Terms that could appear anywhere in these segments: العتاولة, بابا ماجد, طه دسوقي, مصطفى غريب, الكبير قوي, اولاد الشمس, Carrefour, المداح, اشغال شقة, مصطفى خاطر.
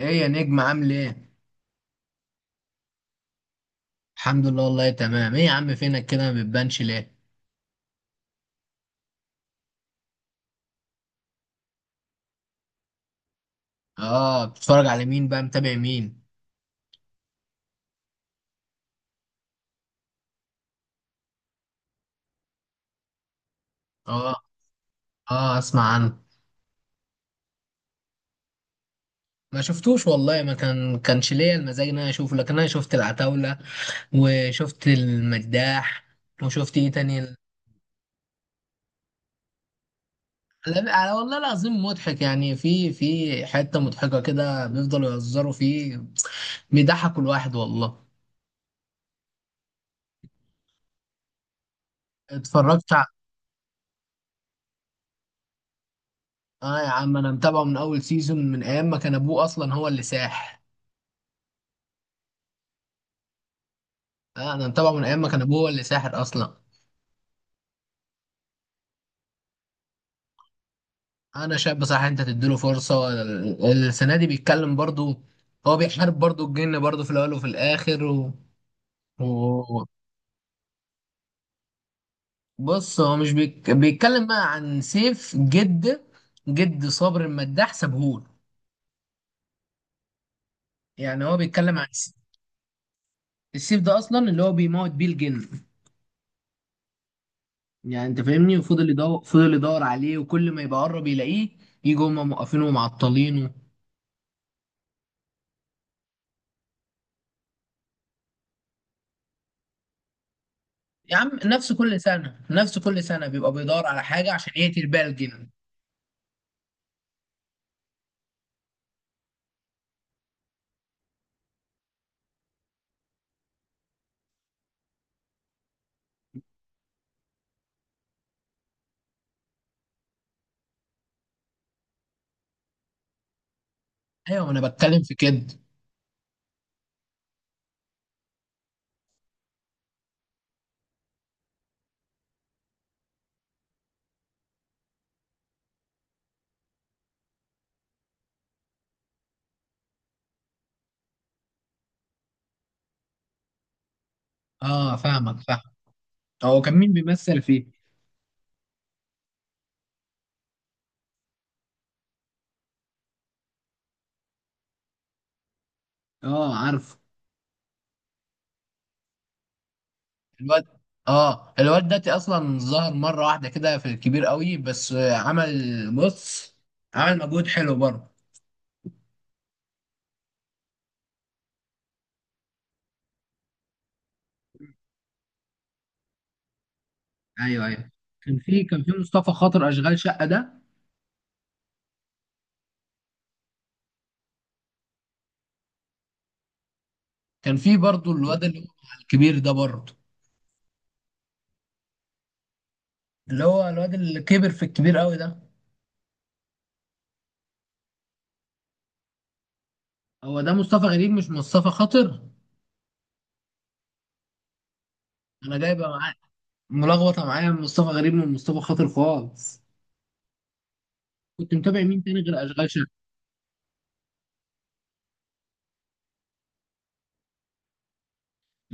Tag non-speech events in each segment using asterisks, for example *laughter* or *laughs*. ايه يا نجم عامل ايه؟ الحمد لله والله تمام، ايه يا عم فينك كده ما بتبانش ليه؟ اه، بتتفرج على مين بقى، متابع مين؟ اه اه اسمع عنه. ما شفتوش والله، ما كانش ليا المزاج ان انا اشوفه، لكن انا شفت العتاولة وشفت المداح وشفت ايه تاني لا، على والله العظيم مضحك يعني، في حتة مضحكة كده بيفضلوا يهزروا فيه، بيضحكوا الواحد والله. اتفرجت ع- اه يا عم، انا متابعه من اول سيزون، من ايام ما كان ابوه اصلا هو اللي ساح. انا متابعه من ايام ما كان ابوه هو اللي ساحر اصلا. انا شايف بصراحه انت تديله فرصه، السنه دي بيتكلم برضو، هو بيحارب برضو الجن برضو في الاول وفي الاخر و... بص، هو مش بيك... بيتكلم بقى عن سيف جد، جد صابر المداح سابهول. يعني هو بيتكلم عن الس- السيف ده اصلا اللي هو بيموت بيه الجن. يعني انت فاهمني، وفضل يدور فضل يدور عليه وكل ما يبقى قرب يلاقيه يجوا هم موقفينه ومعطلينه. يا عم، نفس كل سنة نفس كل سنة بيبقى بيدور على حاجة عشان يقتل بيها الجن. أيوة، ما أنا بتكلم في كده. أه، فاهمك فاهم. هو كان مين بيمثل فيه؟ أه عارف. الواد أه، الواد ده أصلا ظهر مرة واحدة كده في الكبير قوي، بس عمل بص، عمل مجهود حلو برضه. أيوه أيوه. كان في مصطفى خاطر أشغال شقة ده. كان في برضه الواد اللي هو مع الكبير ده برضه، اللي هو الواد اللي كبر في الكبير قوي ده. هو ده مصطفى غريب مش مصطفى خاطر. أنا جايبه معاه، ملخبطه معايا، من مصطفى غريب من مصطفى خاطر خالص. كنت متابع مين تاني غير اشغال شقه؟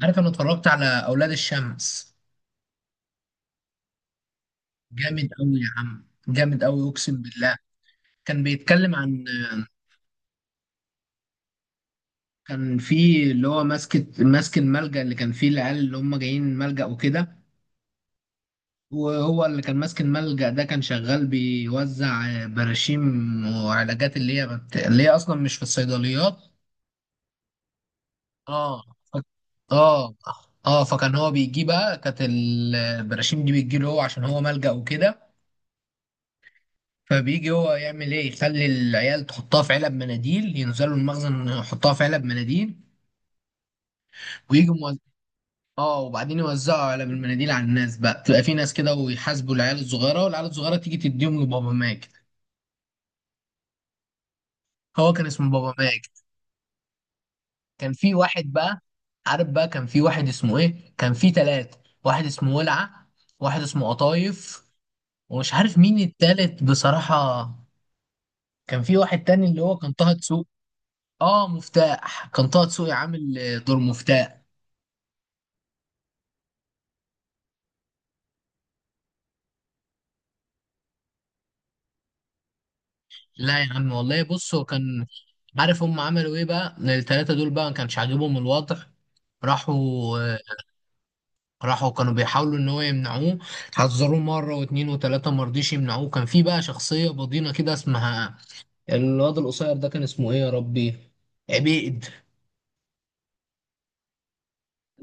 عارف، انا اتفرجت على اولاد الشمس. جامد قوي يا عم، جامد قوي، اقسم بالله. كان بيتكلم عن، كان في اللي هو ماسك الملجأ اللي كان فيه العيال اللي هم جايين ملجأ وكده. وهو اللي كان ماسك الملجأ ده كان شغال بيوزع براشيم وعلاجات اللي هي اللي هي اصلا مش في الصيدليات. اه. ف- اه اه، فكان هو بيجي بقى، كانت البراشيم دي بتجي له هو عشان هو ملجأ وكده. فبيجي هو يعمل ايه، يخلي العيال تحطها في علب مناديل، ينزلوا المخزن يحطها في علب مناديل ويجوا موز... اه، وبعدين يوزعوا علب المناديل على الناس بقى، تبقى في ناس كده ويحاسبوا العيال الصغيره، والعيال الصغيره تيجي تديهم لبابا ماجد. هو كان اسمه بابا ماجد. كان في واحد بقى، عارف بقى، كان في واحد اسمه ايه، كان في ثلاثه. واحد اسمه ولعه، واحد اسمه قطايف، ومش عارف مين التالت بصراحة. كان في واحد تاني اللي هو كان طه دسوقي. اه، مفتاح. كان طه دسوقي عامل دور مفتاح. لا يا عم، والله بص هو كان، عارف هم عملوا ايه بقى التلاتة دول بقى ما كانش عاجبهم الوضع، راحوا آه، راحوا كانوا بيحاولوا ان هو يمنعوه، حذروه مرة واتنين وتلاتة، ما رضيش يمنعوه. كان في بقى شخصية بضينة كده اسمها الواد القصير ده، كان اسمه ايه يا ربي، عبيد.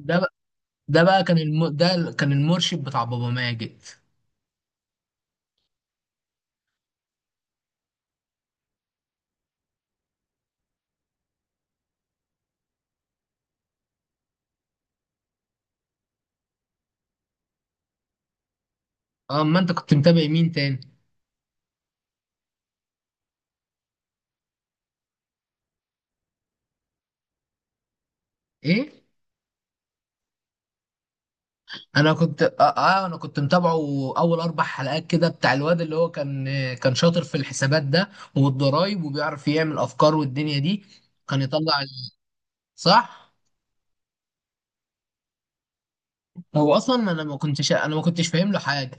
ده بقى- ده بقى كان ده كان المرشد بتاع بابا ماجد. اه، ما انت كنت متابع مين تاني؟ ايه؟ انا كنت انا كنت متابعه اول 4 حلقات كده، بتاع الواد اللي هو كان، كان شاطر في الحسابات ده والضرايب، وبيعرف يعمل افكار والدنيا دي، كان يطلع صح. هو اصلا انا ما كنتش فاهم له حاجه.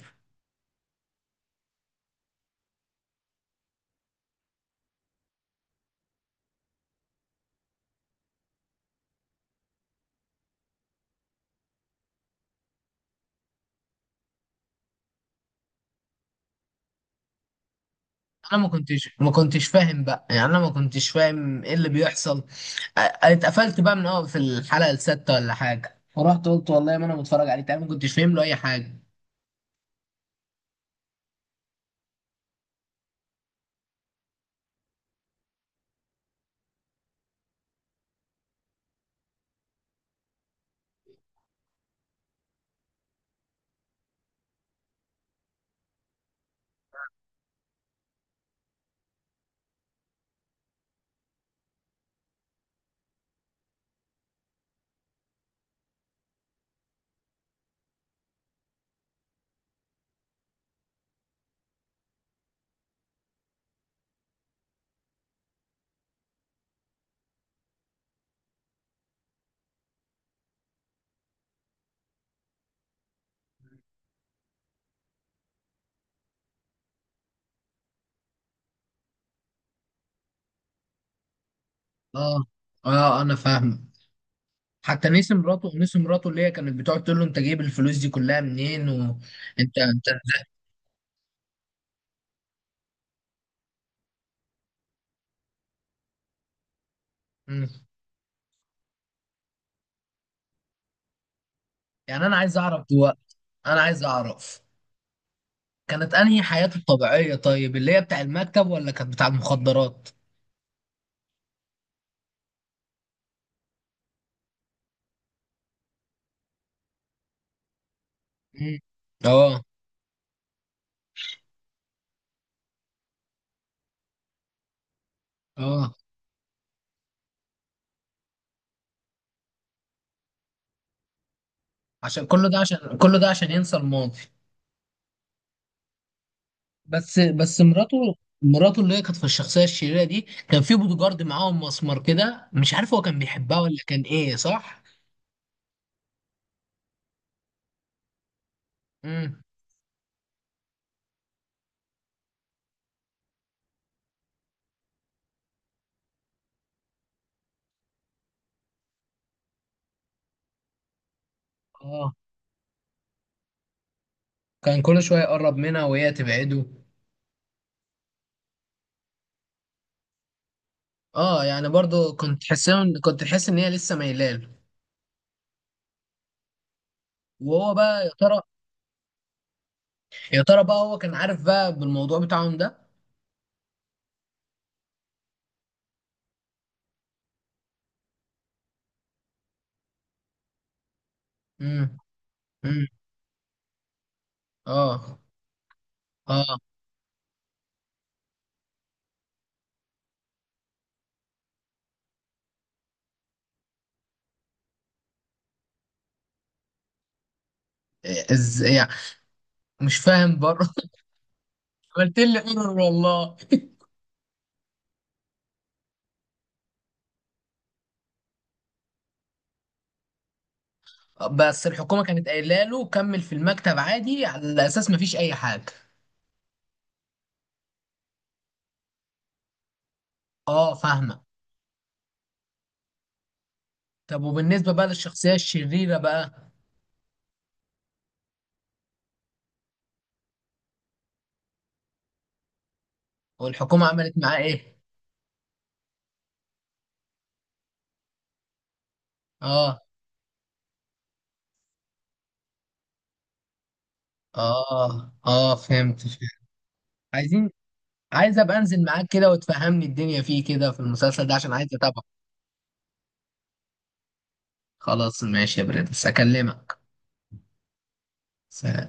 انا ما كنتش فاهم بقى، يعني انا ما كنتش فاهم ايه اللي بيحصل. اتقفلت بقى من اه، في الحلقه السادسه ولا حاجه، فرحت قلت والله ما انا متفرج عليه تاني، ما كنتش فاهم له اي حاجه. اه اه، انا فاهم. حتى نسي مراته، نسي مراته اللي هي كانت بتقعد تقول له انت جايب الفلوس دي كلها منين وانت انت. مم. يعني انا عايز اعرف دلوقتي، انا عايز اعرف كانت انهي حياته الطبيعية طيب، اللي هي بتاع المكتب ولا كانت بتاع المخدرات. مم. اه. اه، عشان كل ده عشان ينسى الماضي. بس بس مراته، مراته اللي هي كانت في الشخصية الشريرة دي، كان في بوديجارد معاهم مسمار كده، مش عارف هو كان بيحبها ولا كان ايه، صح؟ امم. اه، كان كل شوية يقرب منها وهي تبعده. اه يعني، برضو كنت حسن، كنت حاسس ان هي لسه ميلاله. وهو بقى يا ترى، يا ترى بقى هو كان عارف بقى بالموضوع بتاعهم ده. امم. امم. اه. اه، ازاي يعني؟ مش فاهم برضه. *laughs* عملت لي ايرور والله. بس الحكومه كانت قايله له كمل في المكتب عادي، على اساس مفيش اي حاجه. اه فاهمه. طب وبالنسبه بقى للشخصيه الشريره بقى والحكومه عملت معاه ايه؟ اه اه فهمت فهمت. عايزين، عايز ابقى انزل معاك كده وتفهمني الدنيا فيه كده في المسلسل ده، عشان عايز اتابعه. خلاص ماشي يا برنس، اكلمك. سلام.